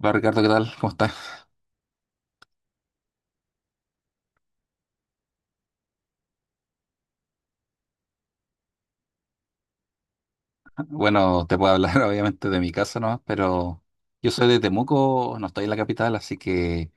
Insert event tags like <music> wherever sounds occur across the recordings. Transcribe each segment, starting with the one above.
Hola Ricardo, ¿qué tal? ¿Cómo estás? <laughs> Bueno, te puedo hablar <laughs> obviamente de mi casa nomás, pero yo soy de Temuco, no estoy en la capital, así que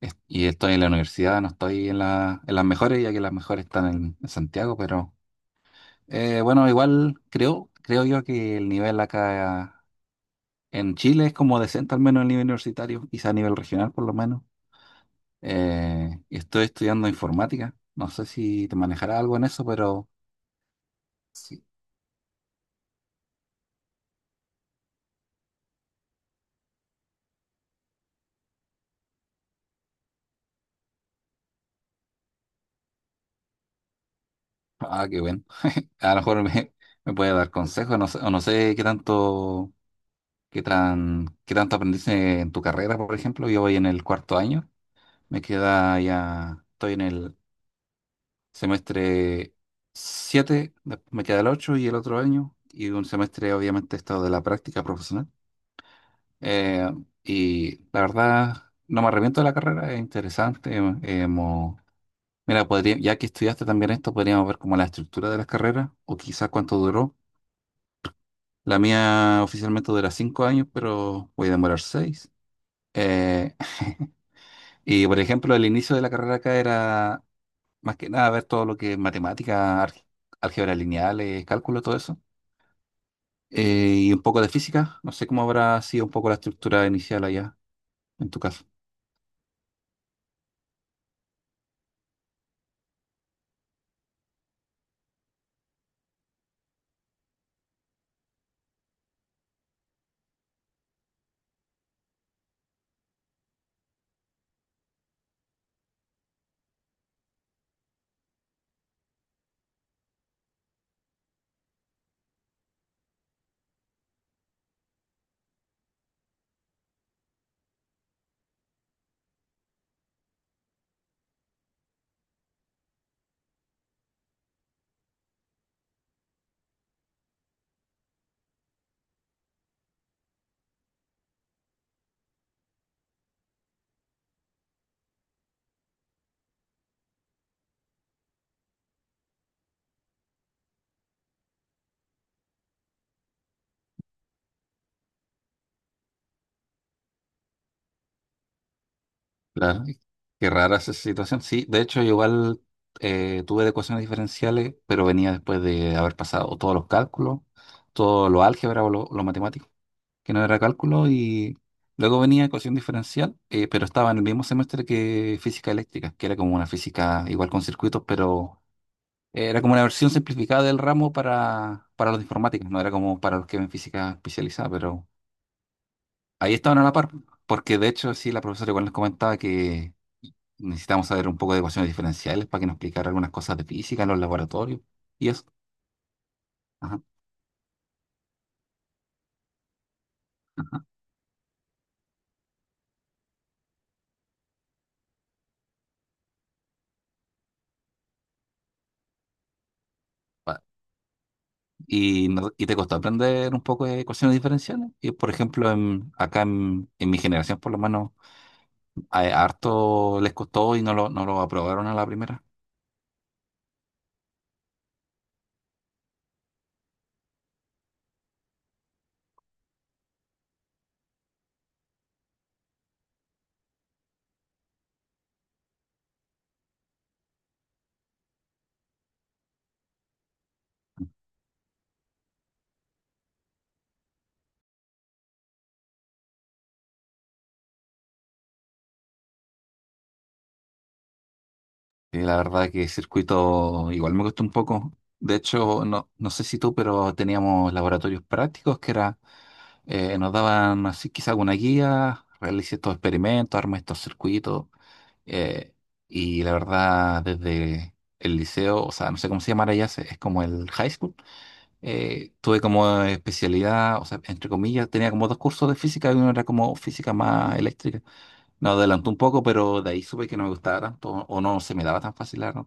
y estoy en la universidad, no estoy en las mejores, ya que las mejores están en Santiago, pero bueno, igual creo yo que el nivel acá en Chile es como decente, al menos a nivel universitario, quizá a nivel regional por lo menos. Y estoy estudiando informática, no sé si te manejará algo en eso, pero sí. Ah, qué bueno. A lo mejor <laughs> me puede dar consejos, no sé, o no sé qué tanto aprendiste en tu carrera, por ejemplo. Yo voy en el cuarto año, me queda ya, estoy en el semestre 7, después me queda el 8 y el otro año, y un semestre obviamente he estado de la práctica profesional. Eh, y la verdad, no me arrepiento de la carrera, es interesante. Mira, podría, ya que estudiaste también esto, podríamos ver como la estructura de las carreras, o quizás cuánto duró. La mía oficialmente dura cinco años, pero voy a demorar seis. Eh, <laughs> y por ejemplo, el inicio de la carrera acá era más que nada ver todo lo que es matemática, álgebra lineales, cálculo, todo eso. Y un poco de física. No sé cómo habrá sido un poco la estructura inicial allá, en tu caso. Claro. Qué rara esa situación. Sí, de hecho, yo igual tuve de ecuaciones diferenciales, pero venía después de haber pasado todos los cálculos, todo lo álgebra o lo matemático, que no era cálculo, y luego venía ecuación diferencial, pero estaba en el mismo semestre que física eléctrica, que era como una física igual con circuitos, pero era como una versión simplificada del ramo para los informáticos, no era como para los que ven física especializada, pero ahí estaban a la par, porque de hecho sí, la profesora igual nos comentaba que necesitamos saber un poco de ecuaciones diferenciales para que nos explicara algunas cosas de física en los laboratorios y eso. Ajá, ajá. y, no- y te costó aprender un poco de ecuaciones diferenciales. Y por ejemplo, acá en mi generación, por lo menos, a harto les costó y no no lo aprobaron a la primera. Y la verdad que circuito igual me costó un poco. De hecho, no sé si tú, pero teníamos laboratorios prácticos que era, nos daban así quizá alguna guía, realice estos experimentos, arma estos circuitos. eh, y la verdad, desde el liceo, o sea, no sé cómo se llamará ya, es como el high school. Tuve como especialidad, o sea, entre comillas, tenía como dos cursos de física y uno era como física más eléctrica. Me adelantó un poco, pero de ahí supe que no me gustaba tanto o no se me daba tan fácil, la verdad.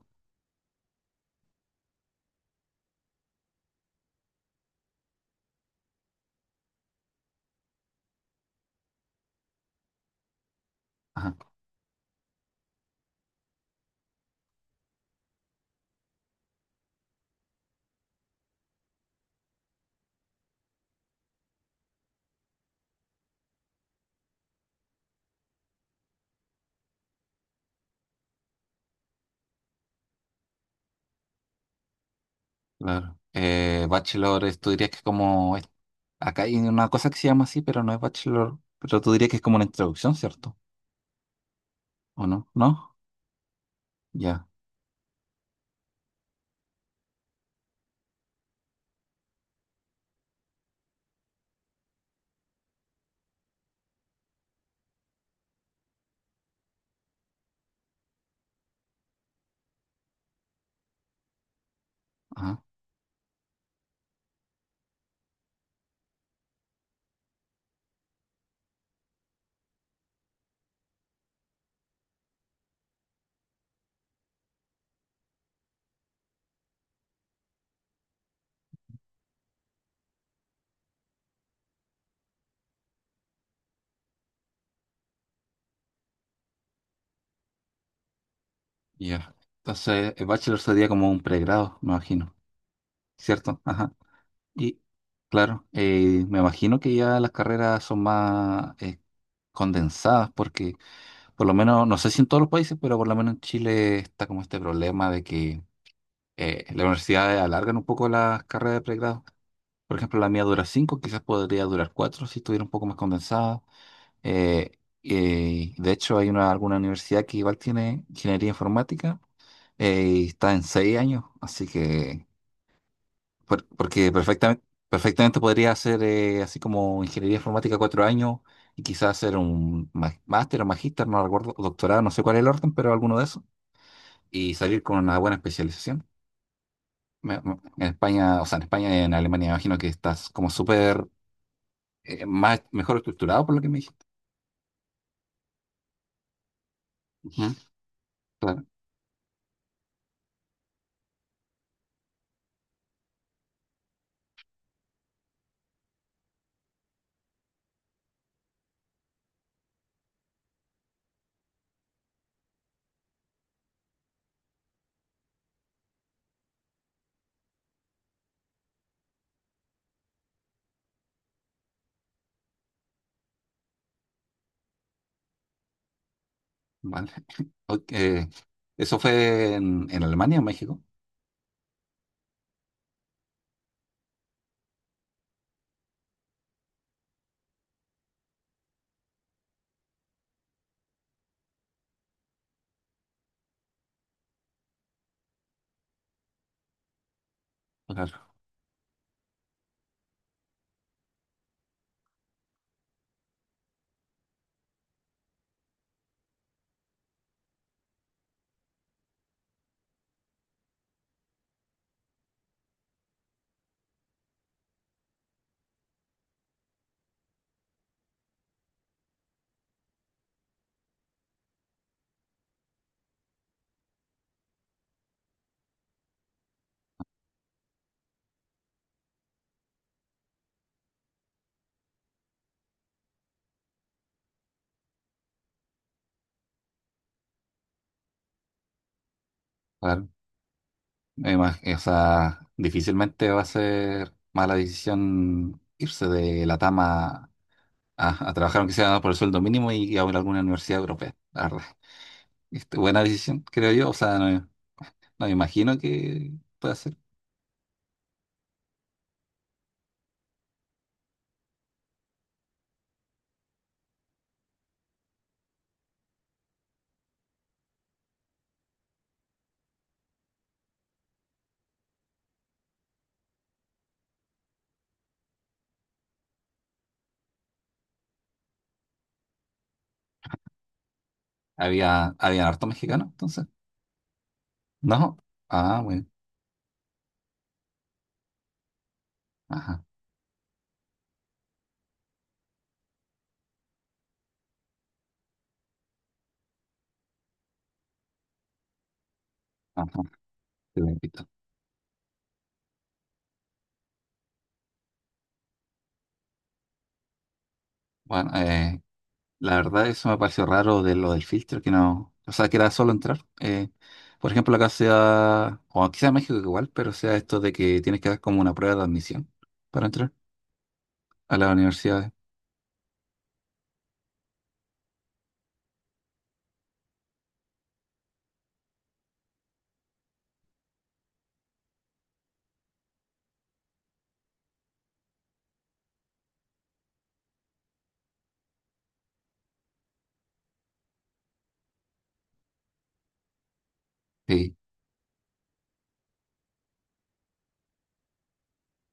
Ajá, claro. Bachelor, tú dirías que es como, acá hay una cosa que se llama así, pero no es bachelor, pero tú dirías que es como una introducción, ¿cierto? ¿O no? ¿No? Ya, ajá, ya. Entonces, el bachelor sería como un pregrado, me imagino, ¿cierto? Ajá. Y claro, me imagino que ya las carreras son más condensadas porque por lo menos, no sé si en todos los países, pero por lo menos en Chile está como este problema de que las universidades alargan un poco las carreras de pregrado. Por ejemplo, la mía dura cinco, quizás podría durar cuatro si estuviera un poco más condensada. Eh, de hecho, hay una, alguna universidad que igual tiene ingeniería informática y está en seis años, así que porque perfectamente podría hacer así como ingeniería informática cuatro años y quizás hacer un máster o magíster, no recuerdo, o doctorado, no sé cuál es el orden, pero alguno de esos, y salir con una buena especialización. En España, o sea, en España y en Alemania, me imagino que estás como súper mejor estructurado por lo que me dijiste. Ujú. Claro, vale. <laughs> Ok, ¿eso fue en Alemania o México? Claro, claro. O sea, difícilmente va a ser mala decisión irse de la Tama a trabajar, aunque sea por el sueldo mínimo, y a alguna universidad europea, la verdad. Este, buena decisión, creo yo. O sea, no, no me imagino que pueda ser. Había, había harto mexicano, entonces. No. Ah, bueno. Ajá. Ajá. Te la invito. Bueno, la verdad, eso me pareció raro de lo del filtro, que no, o sea, que era solo entrar. Por ejemplo, acá sea, o quizá en México igual, pero sea esto de que tienes que dar como una prueba de admisión para entrar a las universidades. Sí,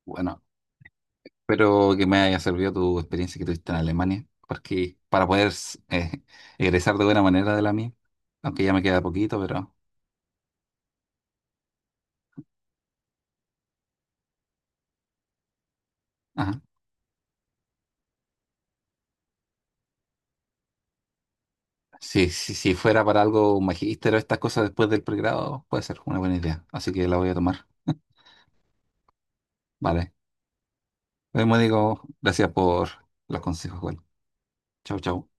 bueno, espero que me haya servido tu experiencia que tuviste en Alemania, porque para poder eh, <laughs> egresar de buena manera de la mía, aunque ya me queda poquito, pero ajá. Sí, sí, si fuera para algo, un magíster o estas cosas después del pregrado, puede ser una buena idea, así que la voy a tomar. Vale. Bueno, digo, gracias por los consejos, igual. Chau, chau.